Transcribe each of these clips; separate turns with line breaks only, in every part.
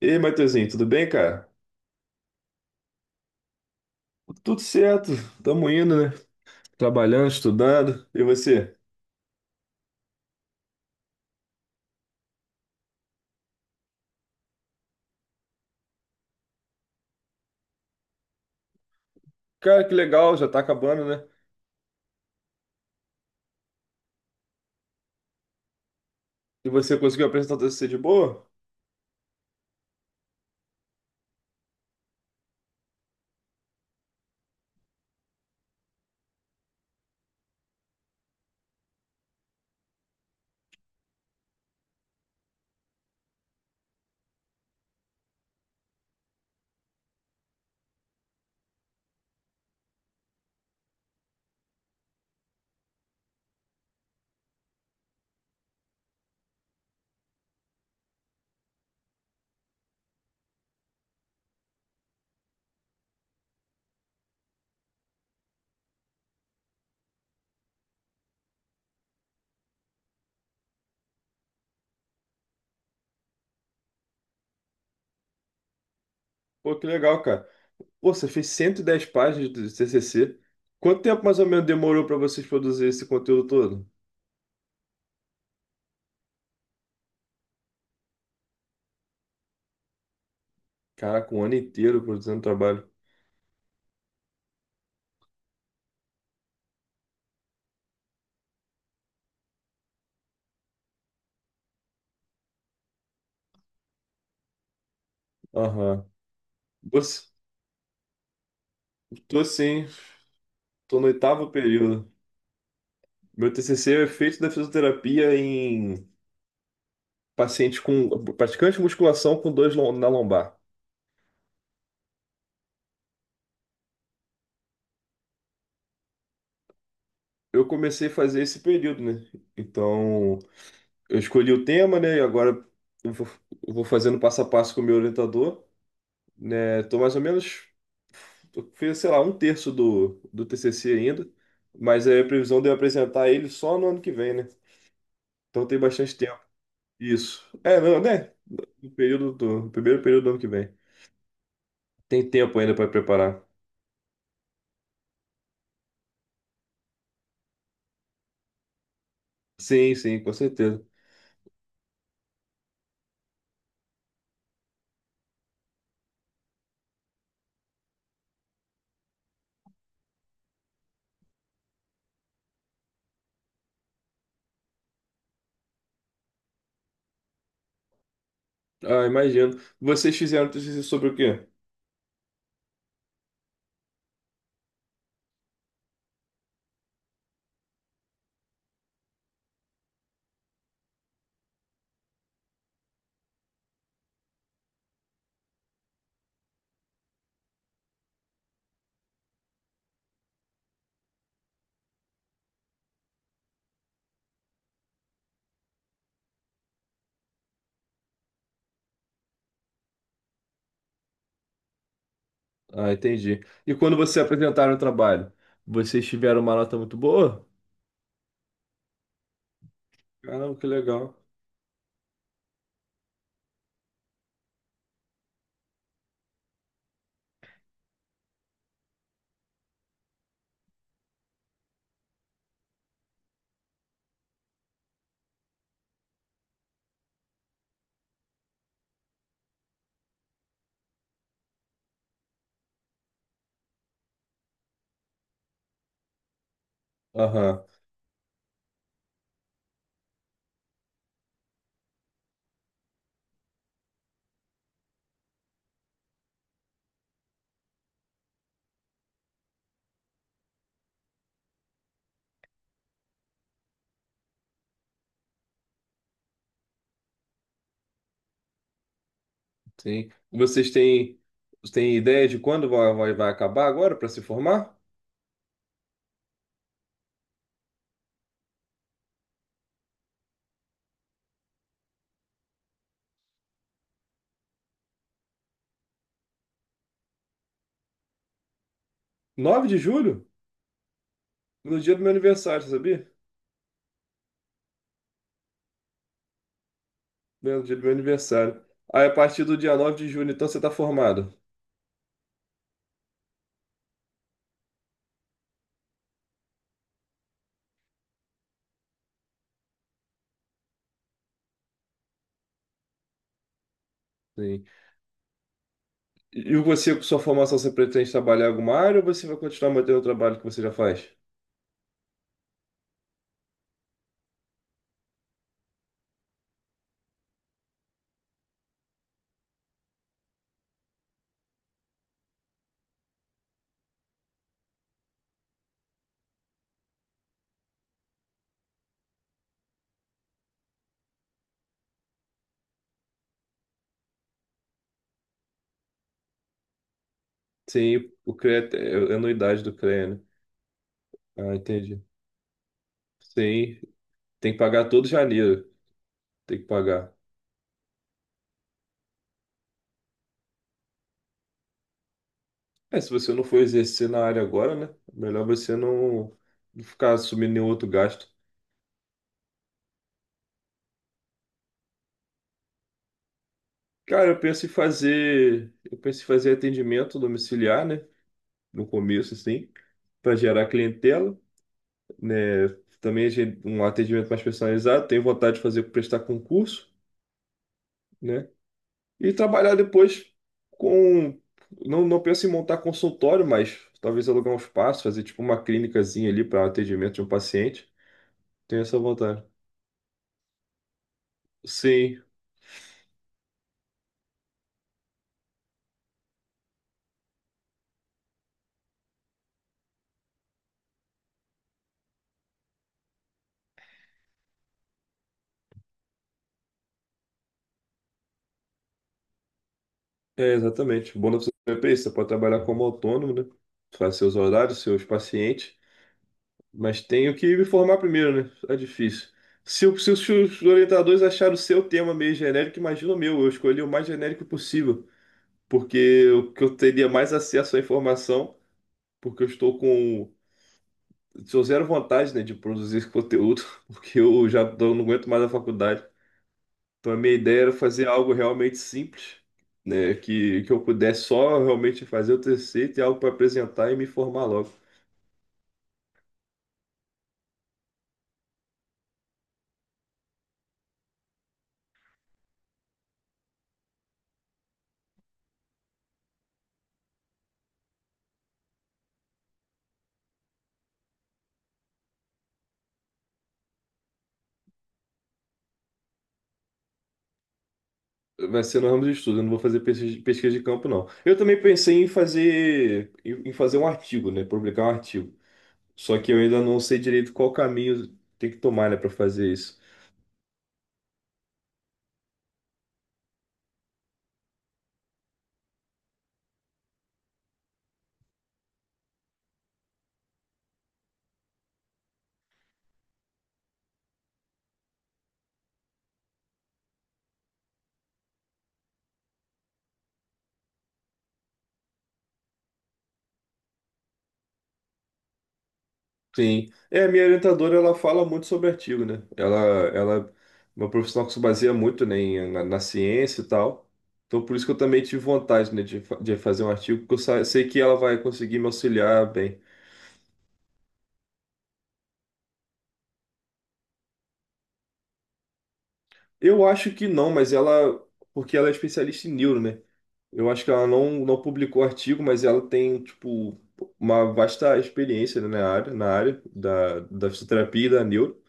Ei, Matheusinho, tudo bem, cara? Tudo certo, tamo indo, né? Trabalhando, estudando. E você? Cara, que legal, já tá acabando, né? E você conseguiu apresentar o TCC de boa? Pô, que legal, cara. Pô, você fez 110 páginas do TCC. Quanto tempo mais ou menos demorou pra vocês produzir esse conteúdo todo? Caraca, um ano inteiro produzindo trabalho. Aham. Você- Tô sim, tô no oitavo período. Meu TCC é feito da fisioterapia em pacientes com praticante de musculação com dores na lombar. Eu comecei a fazer esse período, né? Então, eu escolhi o tema, né? E agora eu vou, eu vou fazendo passo a passo com o meu orientador, né? Tô mais ou menos, eu fiz, sei lá, um terço do TCC ainda, mas é a previsão de eu apresentar ele só no ano que vem, né? Então tem bastante tempo. Isso. É, não, né? No primeiro período do ano que vem. Tem tempo ainda para preparar. Sim, sim, com certeza. Ah, imagino. Vocês fizeram TCC sobre o quê? Ah, entendi. E quando você apresentaram o trabalho, vocês tiveram uma nota muito boa? Caramba, que legal. Aham, sim. Vocês têm ideia de quando vai acabar agora para se formar? Nove de julho? No dia do meu aniversário, você sabia? No dia do meu aniversário. Aí, a partir do dia 9 de julho, então você está formado. Sim. E você, com sua formação, você pretende trabalhar em alguma área ou você vai continuar mantendo o trabalho que você já faz? Sim, o CREA é anuidade do CREA, né? Ah, entendi. Sim, tem que pagar todo janeiro. Tem que pagar. É, se você não for exercer na área agora, né? Melhor você não ficar assumindo nenhum outro gasto. Cara, Eu penso em fazer atendimento domiciliar, né? No começo, assim, para gerar clientela, né? Também um atendimento mais personalizado. Tenho vontade de fazer prestar concurso, né? E trabalhar depois com. Não, não penso em montar consultório, mas talvez alugar um espaço, fazer tipo uma clínicazinha ali para atendimento de um paciente. Tem essa vontade. Sim, é exatamente. O bom da fisioterapia é isso. Você pode trabalhar como autônomo, né? Faz seus horários, seus pacientes. Mas tenho que me formar primeiro, né? É difícil. Se os orientadores acharam o seu tema meio genérico, imagina o meu. Eu escolhi o mais genérico possível. Porque o que eu teria mais acesso à informação, porque eu estou com. Sou zero vontade, né, de produzir esse conteúdo, porque eu já não aguento mais a faculdade. Então, a minha ideia era fazer algo realmente simples, né? Que eu pudesse só realmente fazer o TCC, ter algo para apresentar e me formar logo. Vai ser no ramo de estudo, eu não vou fazer pesquisa de campo, não. Eu também pensei em fazer, em fazer um artigo, né? Publicar um artigo. Só que eu ainda não sei direito qual caminho tem que tomar, né, para fazer isso. Sim. É, a minha orientadora, ela fala muito sobre artigo, né? Ela é uma profissional que se baseia muito, né, na ciência e tal. Então, por isso que eu também tive vontade, né, de fazer um artigo, porque eu sei que ela vai conseguir me auxiliar bem. Eu acho que não, mas ela... Porque ela é especialista em neuro, né? Eu acho que ela não publicou artigo, mas ela tem, tipo, uma vasta experiência, né, na área da fisioterapia e da neuro.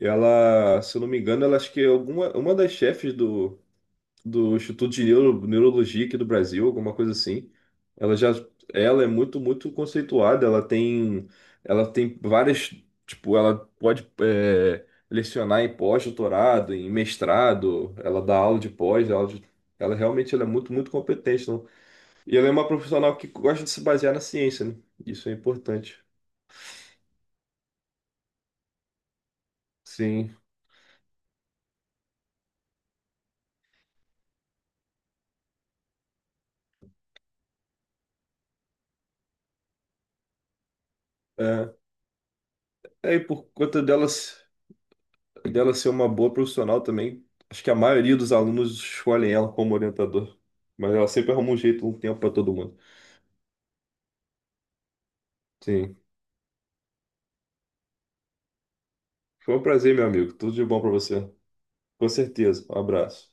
Ela, se eu não me engano, ela acho que é uma das chefes do Instituto de Neurologia aqui do Brasil, alguma coisa assim. Ela já, ela é muito, muito conceituada. Ela tem várias, tipo, ela pode lecionar em pós-doutorado, em mestrado. Ela dá aula de pós, ela realmente ela é muito, muito competente. Não? E ela é uma profissional que gosta de se basear na ciência, né? Isso é importante. Sim. É, é, e por conta delas. E dela ser uma boa profissional também. Acho que a maioria dos alunos escolhem ela como orientador. Mas ela sempre arruma um jeito, um tempo para todo mundo. Sim. Foi um prazer, meu amigo. Tudo de bom para você. Com certeza. Um abraço.